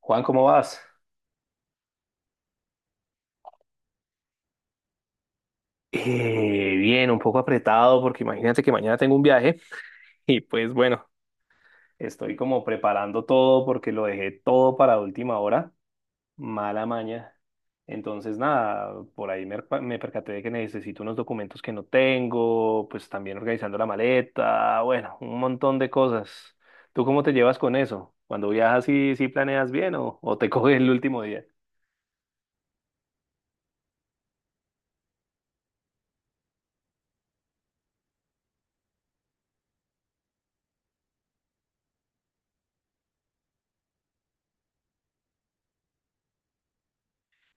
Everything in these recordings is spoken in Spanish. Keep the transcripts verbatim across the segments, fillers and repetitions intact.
Juan, ¿cómo vas? Eh, bien, un poco apretado porque imagínate que mañana tengo un viaje y pues bueno, estoy como preparando todo porque lo dejé todo para última hora, mala maña. Entonces nada, por ahí me, me percaté de que necesito unos documentos que no tengo, pues también organizando la maleta, bueno, un montón de cosas. ¿Tú cómo te llevas con eso? Cuando viajas, ¿sí, sí planeas bien o, o te coges el último día?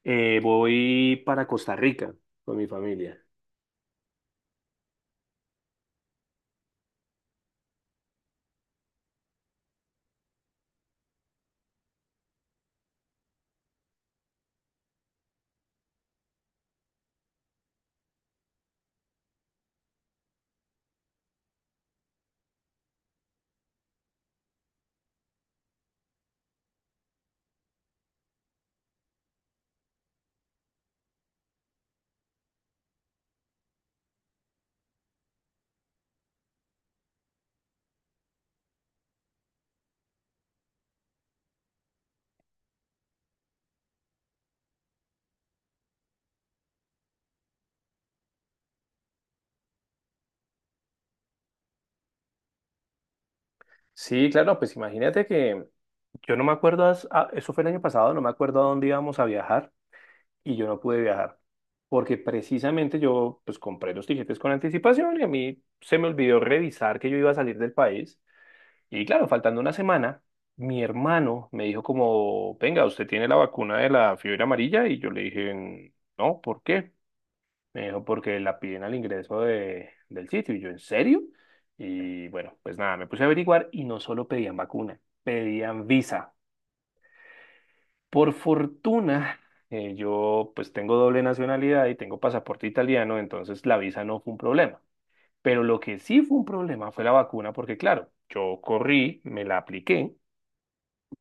Eh, voy para Costa Rica con mi familia. Sí, claro, pues imagínate que yo no me acuerdo, as- ah, eso fue el año pasado, no me acuerdo a dónde íbamos a viajar y yo no pude viajar porque precisamente yo pues compré los tiquetes con anticipación y a mí se me olvidó revisar que yo iba a salir del país y claro, faltando una semana, mi hermano me dijo como, venga, usted tiene la vacuna de la fiebre amarilla y yo le dije, no, ¿por qué? Me dijo porque la piden al ingreso de, del sitio. Y yo, ¿en serio? Y bueno, pues nada, me puse a averiguar y no solo pedían vacuna, pedían visa. Por fortuna, eh, yo pues tengo doble nacionalidad y tengo pasaporte italiano, entonces la visa no fue un problema. Pero lo que sí fue un problema fue la vacuna, porque claro, yo corrí, me la apliqué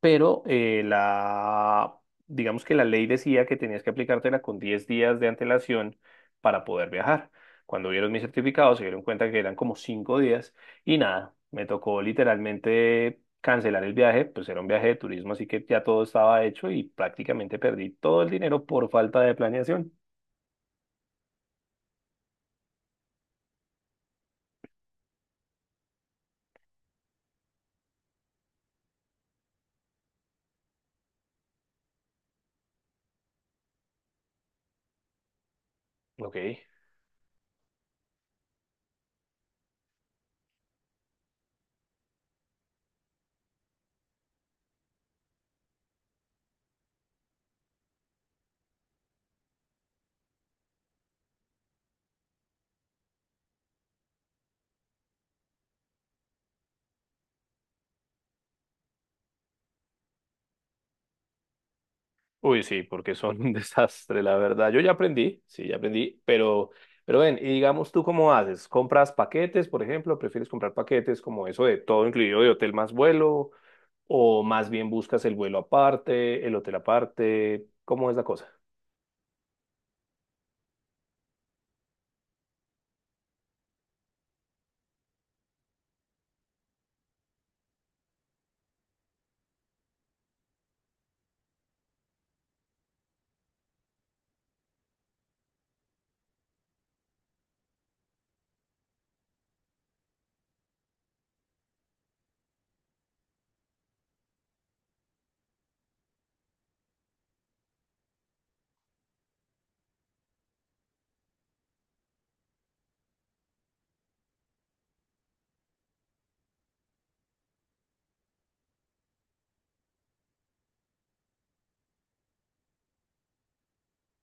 pero eh, la, digamos que la ley decía que tenías que aplicártela con diez días de antelación para poder viajar. Cuando vieron mi certificado, se dieron cuenta que eran como cinco días y nada, me tocó literalmente cancelar el viaje, pues era un viaje de turismo, así que ya todo estaba hecho y prácticamente perdí todo el dinero por falta de planeación. Ok. Uy, sí, porque son un desastre, la verdad. Yo ya aprendí, sí, ya aprendí, pero, pero ven, y digamos tú cómo haces, ¿compras paquetes, por ejemplo? ¿Prefieres comprar paquetes como eso de todo incluido de hotel más vuelo? ¿O más bien buscas el vuelo aparte, el hotel aparte? ¿Cómo es la cosa?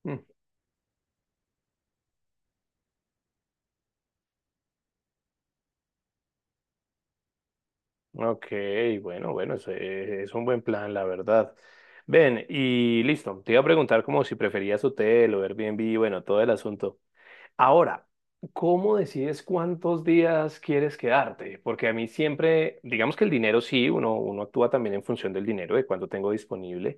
Mm, ok, bueno, bueno, eso es, es un buen plan, la verdad. Ven, y listo, te iba a preguntar como si preferías hotel o Airbnb, bueno, todo el asunto. Ahora, ¿cómo decides cuántos días quieres quedarte? Porque a mí siempre, digamos que el dinero sí, uno, uno actúa también en función del dinero, de cuánto tengo disponible,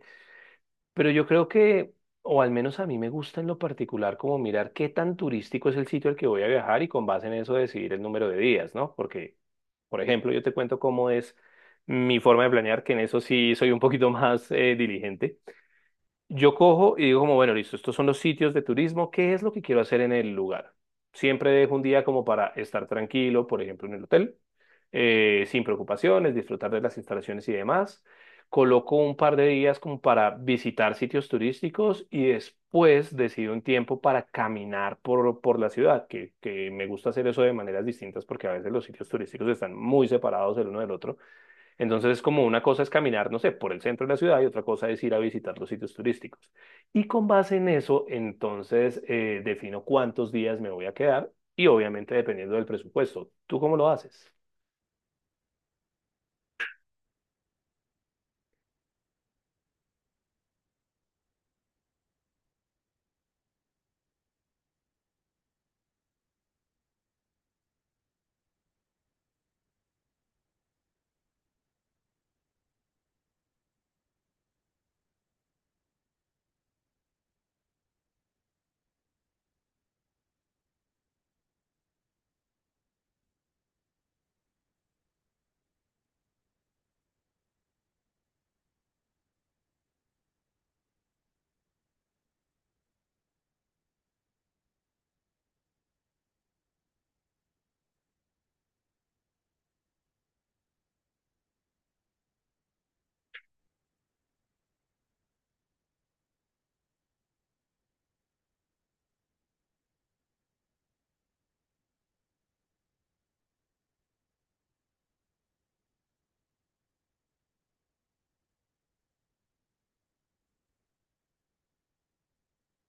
pero yo creo que, o al menos a mí me gusta en lo particular, como mirar qué tan turístico es el sitio al que voy a viajar y con base en eso decidir el número de días, ¿no? Porque, por ejemplo, yo te cuento cómo es mi forma de planear, que en eso sí soy un poquito más eh, diligente. Yo cojo y digo como, bueno, listo, estos son los sitios de turismo, ¿qué es lo que quiero hacer en el lugar? Siempre dejo un día como para estar tranquilo, por ejemplo, en el hotel, eh, sin preocupaciones, disfrutar de las instalaciones y demás. Coloco un par de días como para visitar sitios turísticos y después decido un tiempo para caminar por, por la ciudad, que, que me gusta hacer eso de maneras distintas porque a veces los sitios turísticos están muy separados el uno del otro. Entonces es como una cosa es caminar, no sé, por el centro de la ciudad y otra cosa es ir a visitar los sitios turísticos. Y con base en eso, entonces eh, defino cuántos días me voy a quedar y obviamente dependiendo del presupuesto. ¿Tú cómo lo haces?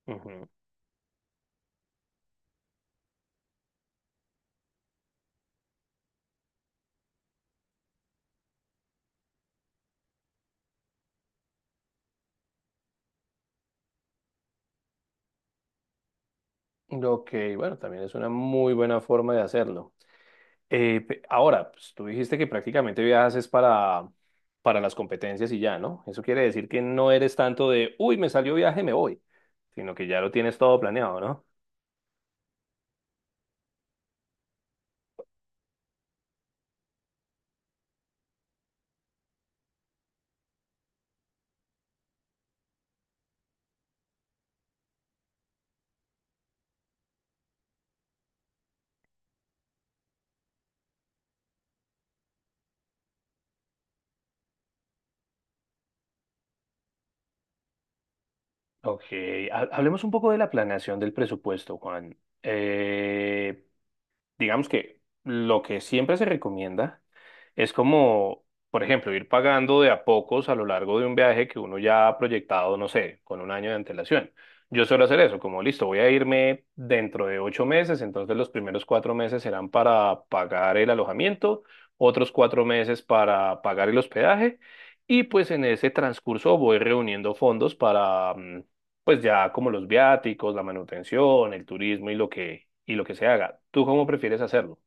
Ujú. Ok, bueno, también es una muy buena forma de hacerlo. Eh, pe- ahora, pues, tú dijiste que prácticamente viajas es para, para las competencias y ya, ¿no? Eso quiere decir que no eres tanto de, uy, me salió viaje, me voy, sino que ya lo tienes todo planeado, ¿no? Ok, ha- hablemos un poco de la planeación del presupuesto, Juan. Eh, digamos que lo que siempre se recomienda es como, por ejemplo, ir pagando de a pocos a lo largo de un viaje que uno ya ha proyectado, no sé, con un año de antelación. Yo suelo hacer eso, como listo, voy a irme dentro de ocho meses, entonces los primeros cuatro meses serán para pagar el alojamiento, otros cuatro meses para pagar el hospedaje. Y pues en ese transcurso voy reuniendo fondos para, mm, pues ya como los viáticos, la manutención, el turismo y lo que, y lo que se haga. ¿Tú cómo prefieres hacerlo?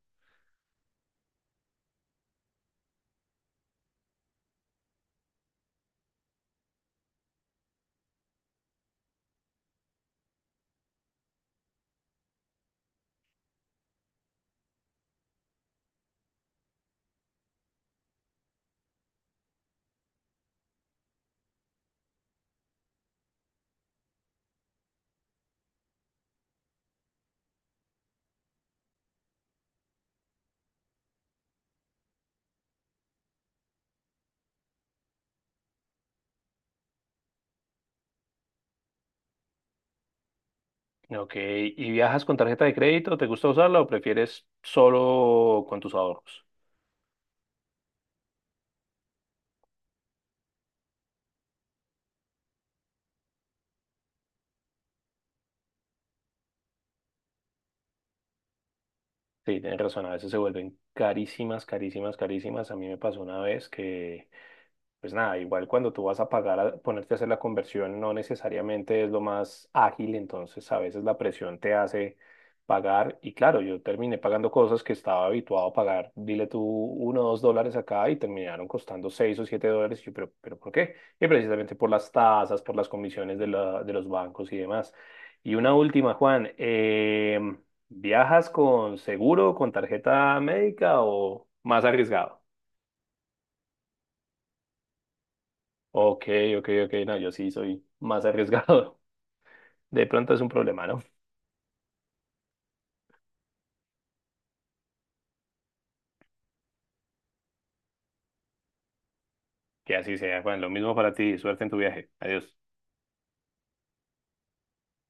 Ok, ¿y viajas con tarjeta de crédito? ¿Te gusta usarla o prefieres solo con tus ahorros? Sí, tienes razón, a veces se vuelven carísimas, carísimas, carísimas. A mí me pasó una vez que pues nada, igual cuando tú vas a pagar, a ponerte a hacer la conversión, no necesariamente es lo más ágil, entonces a veces la presión te hace pagar. Y claro, yo terminé pagando cosas que estaba habituado a pagar, dile tú uno o dos dólares acá y terminaron costando seis o siete dólares. Y yo, pero, pero ¿por qué? Y precisamente por las tasas, por las comisiones de, la- de los bancos y demás. Y una última, Juan, em, ¿viajas con seguro, con tarjeta médica o más arriesgado? Ok, ok, ok, no, yo sí soy más arriesgado. De pronto es un problema, ¿no? Que así sea. Bueno, lo mismo para ti. Suerte en tu viaje. Adiós.